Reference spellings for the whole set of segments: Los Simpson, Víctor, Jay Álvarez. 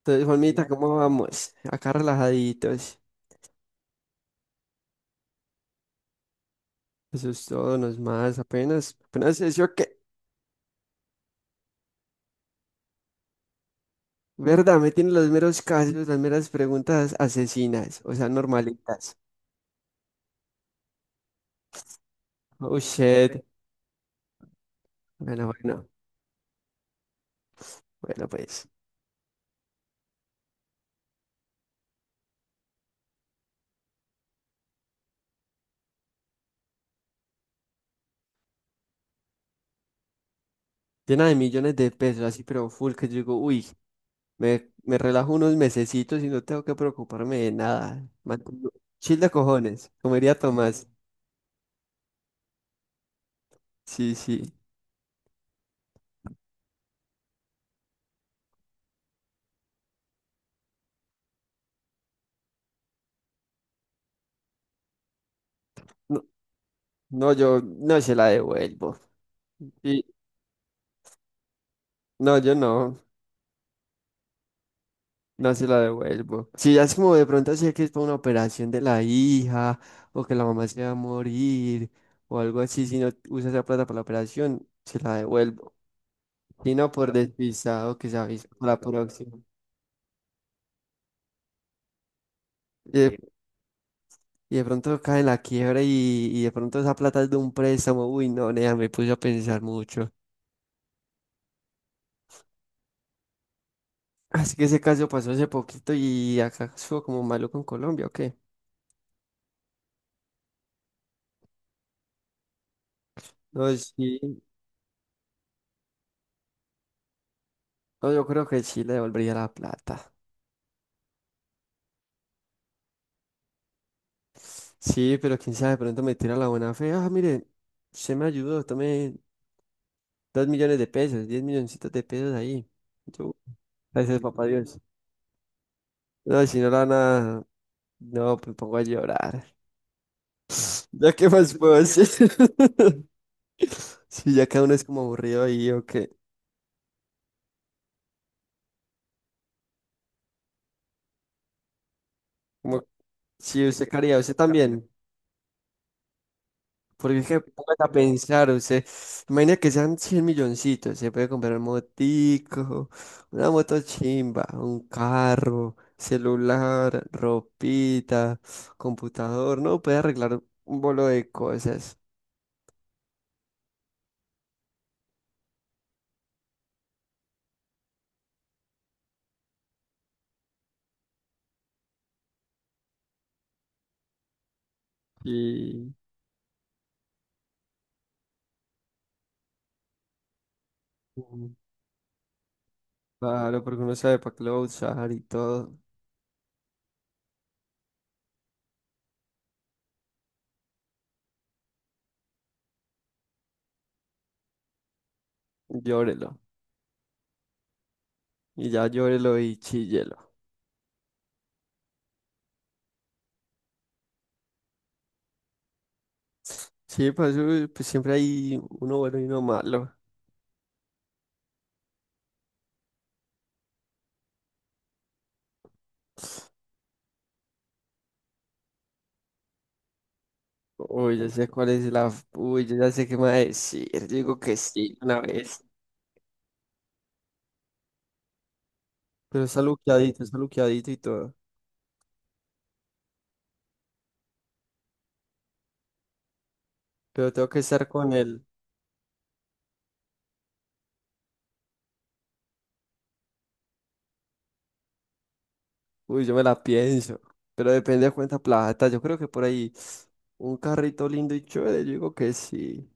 Entonces, Juanmita, ¿cómo vamos? Acá relajaditos. Eso es todo, no es más, apenas, apenas eso que, ¿verdad? Me tienen los meros casos, las meras preguntas asesinas, o sea, normalitas. Oh, shit. Bueno, bueno, bueno, pues. Llena de millones de pesos, así, pero full, que yo digo, uy, me relajo unos mesecitos y no tengo que preocuparme de nada. Chill de cojones, comería Tomás. Sí, sí. No, no, yo no se la devuelvo. Y no, yo no. No se la devuelvo. Si ya es como de pronto así que es para una operación de la hija, o que la mamá se va a morir, o algo así, si no usa esa plata para la operación, se la devuelvo. Si no, por despistado que se avisa para la próxima. Y de, y de pronto cae en la quiebra y de pronto esa plata es de un préstamo. Uy, no, nea, me puse a pensar mucho. Así que ese caso pasó hace poquito y acá estuvo como malo con Colombia, ¿o qué? No, sí. No, yo creo que sí le devolvería la plata. Sí, pero quién sabe, de pronto me tira la buena fe. Ah, mire, se me ayudó, tome 2 millones de pesos, 10 milloncitos de pesos ahí. Yo, gracias, papá Dios. No, si no la nada, no, me pongo a llorar. ¿Ya qué más puedo hacer? Sí, ya cada uno es como aburrido ahí, o qué. Como, sí, usted qué haría, usted también. Porque es que pongan a pensar, usted, imagina que sean 100 milloncitos, se puede comprar un motico, una moto chimba, un carro, celular, ropita, computador, ¿no? Puede arreglar un bolo de cosas. Y mm, claro, porque uno sabe para qué lo va a usar y todo, llórelo. Y ya llórelo y chíllelo. Sí, pues, siempre hay uno bueno y uno malo. Uy, ya sé cuál es la. Uy, yo ya sé qué me va a decir. Digo que sí, una vez. Pero está luqueadito y todo. Pero tengo que estar con él. Uy, yo me la pienso. Pero depende de cuánta plata. Yo creo que por ahí un carrito lindo y chévere. Yo digo que sí.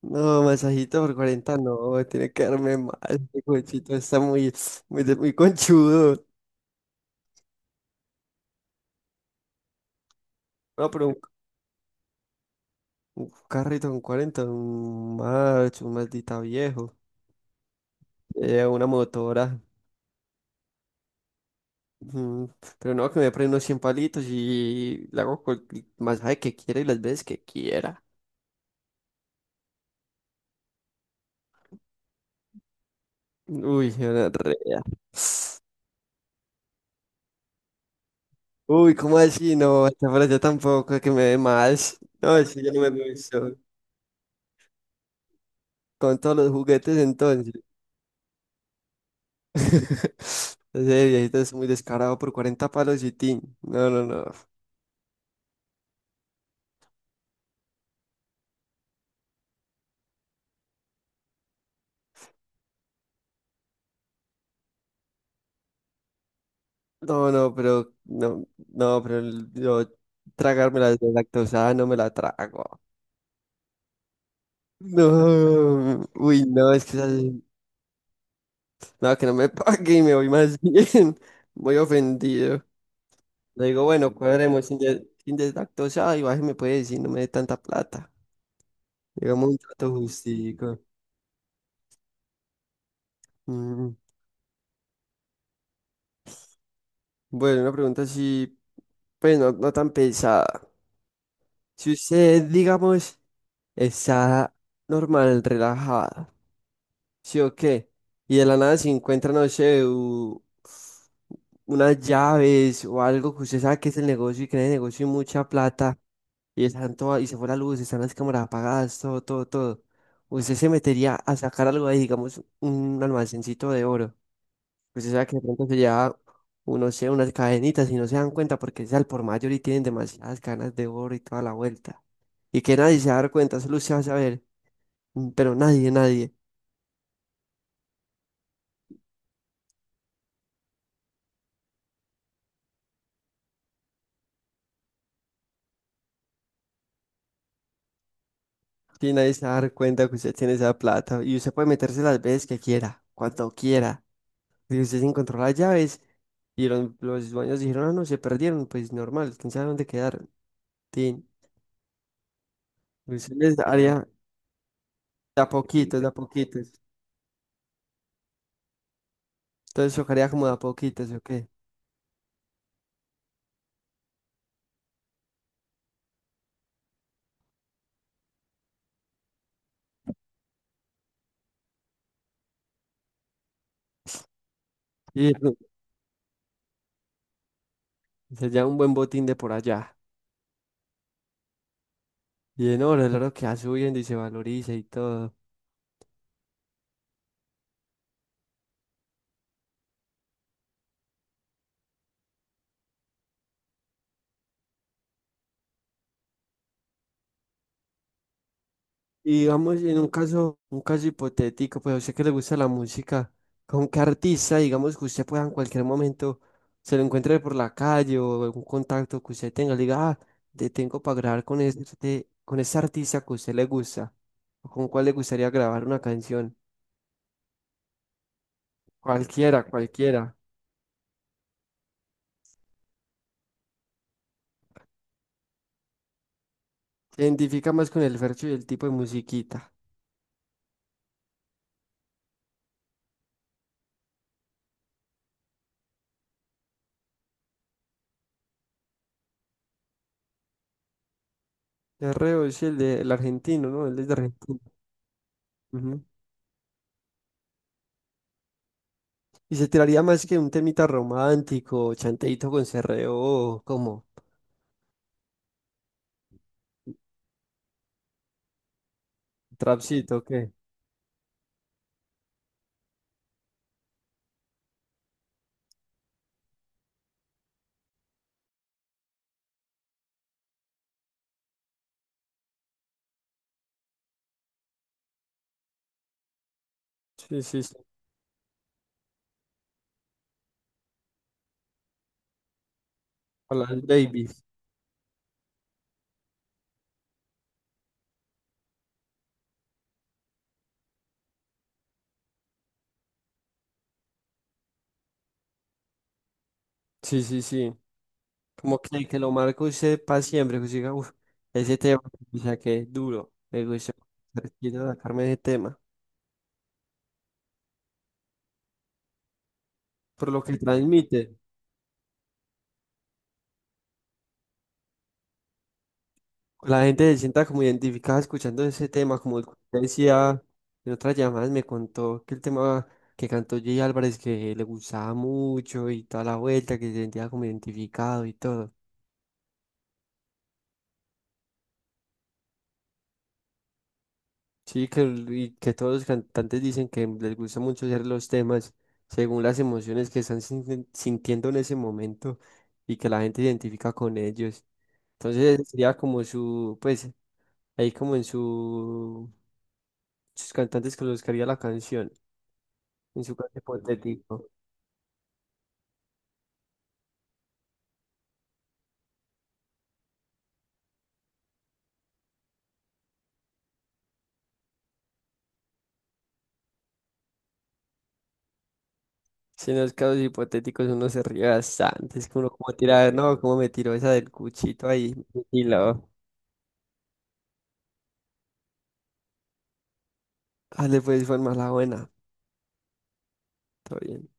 No, masajito por 40 no. Tiene que darme mal. Este cochito está muy, muy, muy conchudo. No, pero un carrito con 40, un macho, un maldita viejo. Una motora. Mm, Pero no, que me prendo 100 palitos y le hago el masaje que quiera y las veces que quiera. Uy, gonorrea. Uy, ¿cómo así? No, esta frase tampoco es que me dé más. No, eso ya no me gustó. Con todos los juguetes entonces. Ese viejito es muy descarado por 40 palos y tin. No, no, no. No, no, pero no, no, pero yo tragarme la lactosada no me la trago. No, uy, no, es que esas, no, que no me pague y me voy más bien. Voy ofendido. Le digo, bueno, cuadremos sin deslactosada y baje me puede decir, no me dé tanta plata. Digamos un trato justico. Mm, Bueno, una pregunta así, pues no, no tan pesada. Si usted, digamos, está normal, relajada, ¿sí o qué? Y de la nada se encuentra, no sé, unas llaves o algo que usted sabe que es el negocio y que en el negocio hay mucha plata. Y están todas, y se fue la luz, están las cámaras apagadas, todo, todo, todo. Usted se metería a sacar algo ahí, digamos, un almacencito de oro. Usted sabe que de pronto se lleva, uno sé, unas cadenitas y no se dan cuenta porque es al por mayor y tienen demasiadas cadenas de oro y toda la vuelta. Y que nadie se va a dar cuenta, solo usted va a saber. Pero nadie, nadie. Y nadie se va a dar cuenta que usted tiene esa plata. Y usted puede meterse las veces que quiera, cuando quiera. Y usted se encontró las llaves y los dueños dijeron, ah, no, se perdieron, pues normal, quién sabe dónde quedaron. Tin. Usted les daría de a poquitos, de a poquitos. Entonces tocaría como de a poquitos, ¿o qué? Y se lleva un buen botín de por allá. Y en oro, el oro que va subiendo y se valoriza y todo. Y digamos, en un caso hipotético, pues a usted que le gusta la música, ¿con qué artista, digamos, que usted pueda en cualquier momento se lo encuentre por la calle o algún contacto que usted tenga, le diga, ah, te tengo para grabar con ese artista que a usted le gusta, o con cuál le gustaría grabar una canción? Cualquiera, cualquiera. Se identifica más con el verso y el tipo de musiquita. De reo es el argentino, ¿no? Él es de Argentina. Ujú. Y se tiraría más que un temita romántico, chanteito con cerreo, como Trapcito, ¿qué? Sí, sí, sí. Hola, Davis. Sí, sí, sí. Como que lo marco usted para siempre, que siga, uf, ese tema, o sea, que duro. Me gusta, quiero sacarme de ese tema. Por lo que transmite, la gente se sienta como identificada escuchando ese tema, como usted decía en otras llamadas, me contó que el tema que cantó Jay Álvarez, que le gustaba mucho y toda la vuelta, que se sentía como identificado y todo. Sí, que, y que todos los cantantes dicen que les gusta mucho hacer los temas según las emociones que están sintiendo en ese momento y que la gente identifica con ellos. Entonces sería como su, pues, ahí como en sus cantantes con los que haría la canción, en su caso hipotético. Si en los casos hipotéticos uno se ríe bastante, es que uno como tira, no, como me tiró esa del cuchito ahí, y lo, dale pues, fue más la buena, todo bien.